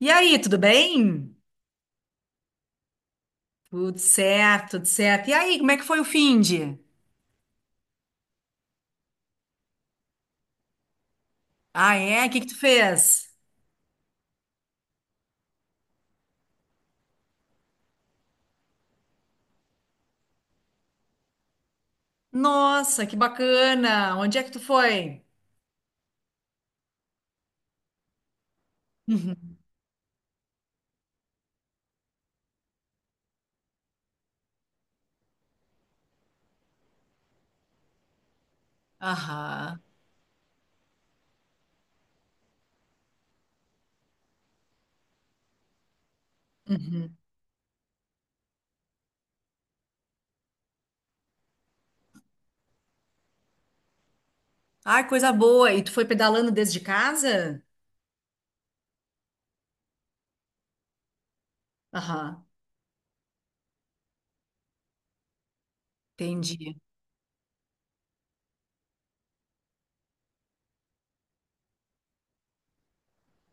E aí, tudo bem? Tudo certo, tudo certo. E aí, como é que foi o finde? Ah, é? O que que tu fez? Nossa, que bacana! Onde é que tu foi? Uhum. Aham. Uhum. Ai, coisa boa! E tu foi pedalando desde casa? Aham, entendi.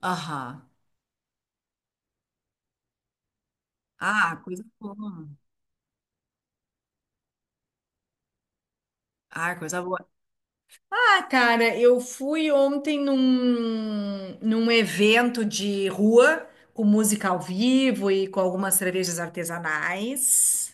Aham. Ah, coisa boa. Ah, coisa boa. Ah, cara, eu fui ontem num evento de rua com música ao vivo e com algumas cervejas artesanais.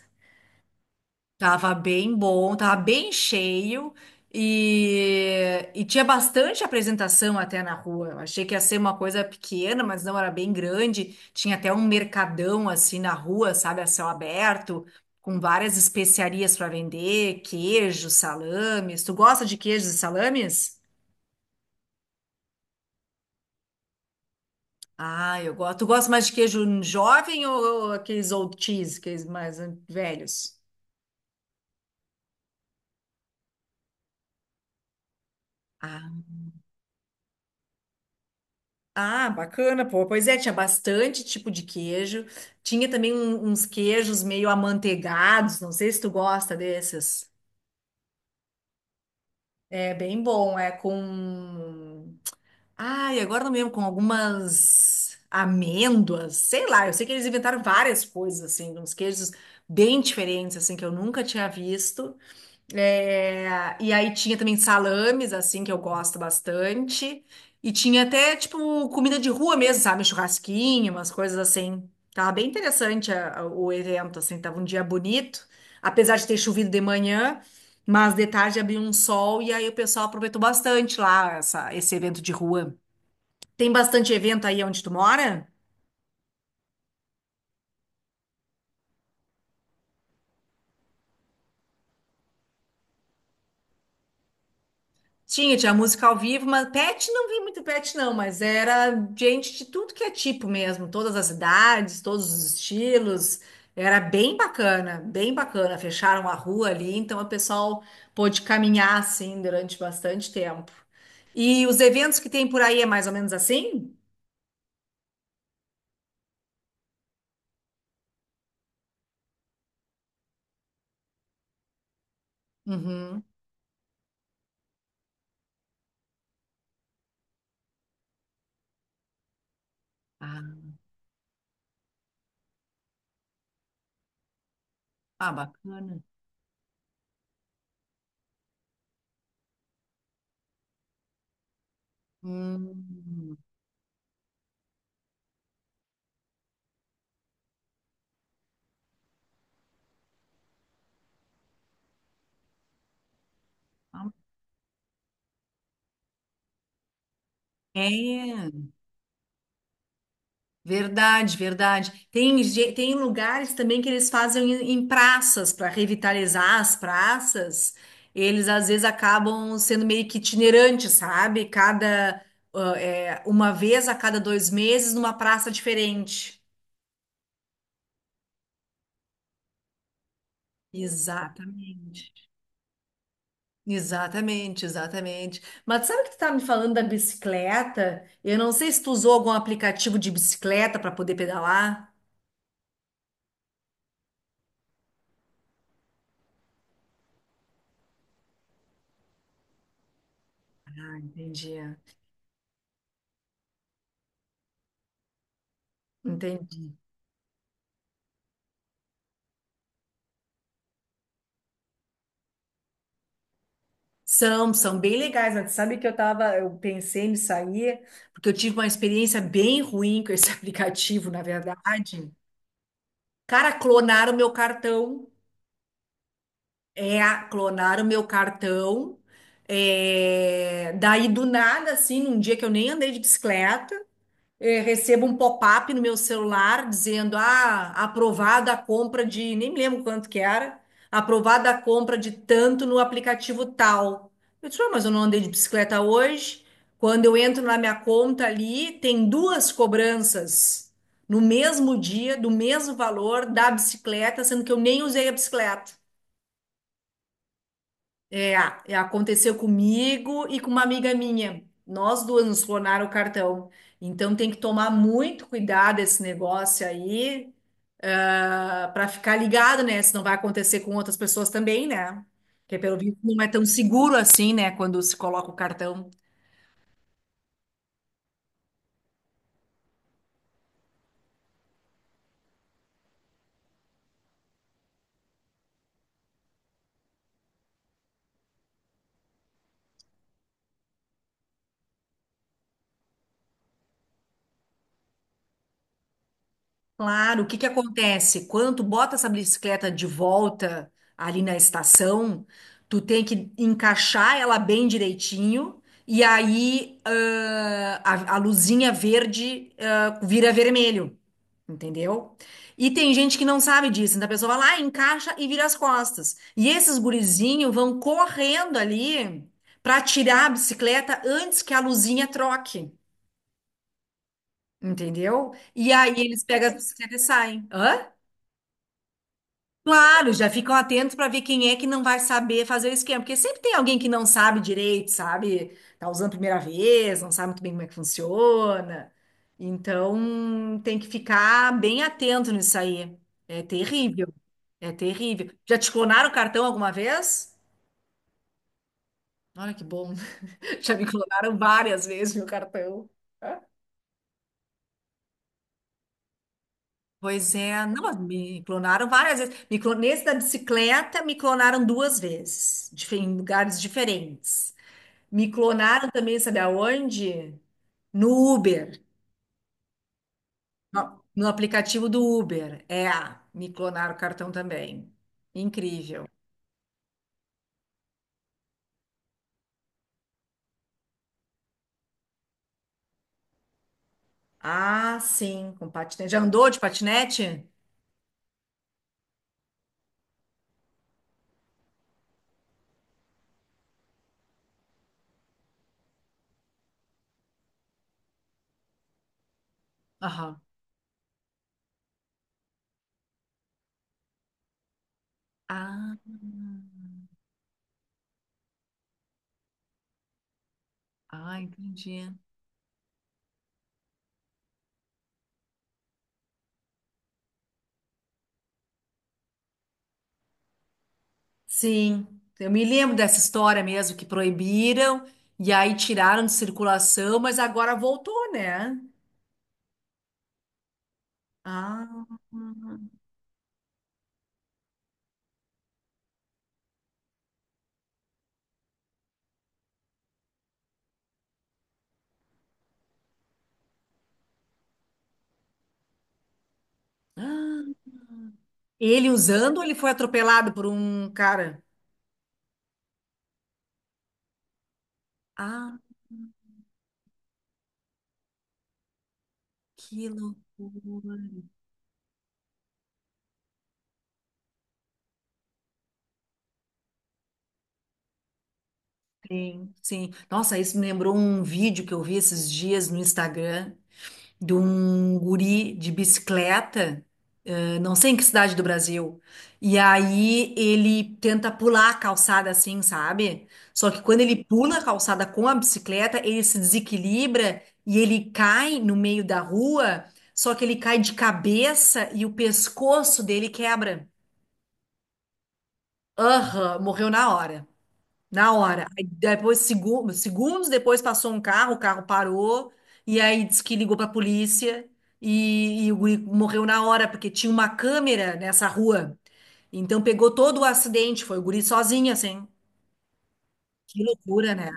Tava bem bom, tava bem cheio e tinha bastante apresentação até na rua. Eu achei que ia ser uma coisa pequena, mas não era bem grande. Tinha até um mercadão assim na rua, sabe, a céu aberto, com várias especiarias para vender, queijos, salames. Tu gosta de queijos e salames? Ah, eu gosto. Tu gosta mais de queijo jovem ou aqueles old cheese, aqueles mais velhos? Ah, bacana, pô. Pois é, tinha bastante tipo de queijo. Tinha também uns queijos meio amanteigados, não sei se tu gosta desses. É bem bom, é com. Ai, agora não me lembro, com algumas amêndoas, sei lá. Eu sei que eles inventaram várias coisas, assim, uns queijos bem diferentes, assim, que eu nunca tinha visto. É, e aí tinha também salames, assim, que eu gosto bastante. E tinha até, tipo, comida de rua mesmo, sabe? Churrasquinho, umas coisas assim. Tava bem interessante o evento, assim. Tava um dia bonito, apesar de ter chovido de manhã, mas de tarde abriu um sol e aí o pessoal aproveitou bastante lá esse evento de rua. Tem bastante evento aí onde tu mora? Tinha, tinha música ao vivo, mas pet não vi muito pet, não, mas era gente de tudo que é tipo mesmo, todas as idades, todos os estilos. Era bem bacana, bem bacana. Fecharam a rua ali, então o pessoal pôde caminhar assim durante bastante tempo. E os eventos que tem por aí é mais ou menos assim? Uhum. Ah, ah, bacana. Hum. É. Verdade, verdade. Tem, tem lugares também que eles fazem em, em praças para revitalizar as praças. Eles às vezes acabam sendo meio que itinerantes, sabe? Cada ah, é, uma vez a cada dois meses numa praça diferente. Exatamente. Exatamente, exatamente. Mas sabe que tu tá me falando da bicicleta? Eu não sei se tu usou algum aplicativo de bicicleta para poder pedalar. Ah, entendi. Entendi. São, são bem legais, mas sabe que eu pensei nisso aí, porque eu tive uma experiência bem ruim com esse aplicativo, na verdade. Cara, clonaram meu cartão. É, clonaram meu cartão. É, daí do nada, assim, num dia que eu nem andei de bicicleta recebo um pop-up no meu celular dizendo, ah, aprovada a compra de, nem me lembro quanto que era, aprovada a compra de tanto no aplicativo tal. Eu disse, "Ué, mas eu não andei de bicicleta hoje. Quando eu entro na minha conta ali, tem duas cobranças no mesmo dia, do mesmo valor da bicicleta, sendo que eu nem usei a bicicleta. É, é, aconteceu comigo e com uma amiga minha. Nós duas nos clonaram o cartão. Então tem que tomar muito cuidado esse negócio aí, para ficar ligado, né? Se não vai acontecer com outras pessoas também, né? Porque pelo visto não é tão seguro assim, né? Quando se coloca o cartão. Claro, o que que acontece? Quando tu bota essa bicicleta de volta ali na estação, tu tem que encaixar ela bem direitinho e aí a luzinha verde, vira vermelho, entendeu? E tem gente que não sabe disso, então a pessoa vai lá, encaixa e vira as costas. E esses gurizinhos vão correndo ali para tirar a bicicleta antes que a luzinha troque, entendeu? E aí eles pegam as bicicletas e saem. Hã? Claro, já ficam atentos para ver quem é que não vai saber fazer o esquema, porque sempre tem alguém que não sabe direito, sabe? Tá usando a primeira vez, não sabe muito bem como é que funciona. Então, tem que ficar bem atento nisso aí. É terrível. É terrível. Já te clonaram o cartão alguma vez? Olha que bom. Já me clonaram várias vezes meu cartão. Pois é, não, mas me clonaram várias vezes. Nesse da bicicleta, me clonaram duas vezes, em lugares diferentes. Me clonaram também, sabe aonde? No Uber, no aplicativo do Uber. É, me clonaram o cartão também. Incrível. Ah, sim, com patinete. Já andou de patinete? Aham. Ah, ah, entendi. Sim, eu me lembro dessa história mesmo, que proibiram e aí tiraram de circulação, mas agora voltou, né? Ah, ah. Ele usando ou ele foi atropelado por um cara? Ah. Que loucura. Sim, sim. Nossa, isso me lembrou um vídeo que eu vi esses dias no Instagram de um guri de bicicleta, não sei em que cidade do Brasil. E aí ele tenta pular a calçada assim, sabe? Só que quando ele pula a calçada com a bicicleta, ele se desequilibra e ele cai no meio da rua, só que ele cai de cabeça e o pescoço dele quebra. Aham, morreu na hora. Na hora. Aí depois, segundos depois, passou um carro, o carro parou, e aí disse que ligou pra polícia, e o guri morreu na hora, porque tinha uma câmera nessa rua. Então pegou todo o acidente, foi o guri sozinho, assim. Que loucura, né?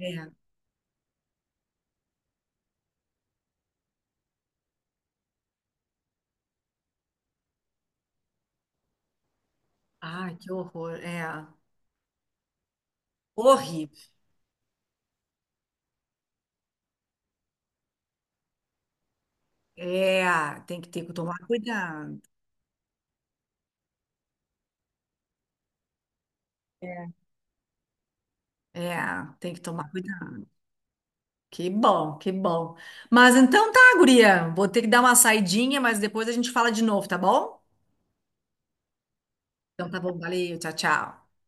É. Ai, que horror. É. Horrível. É, tem que ter que tomar cuidado. É, É. Tem que tomar cuidado. Que bom, que bom. Mas então tá, guria. Vou ter que dar uma saidinha, mas depois a gente fala de novo, tá bom? Então tá bom, valeu, tchau, tchau.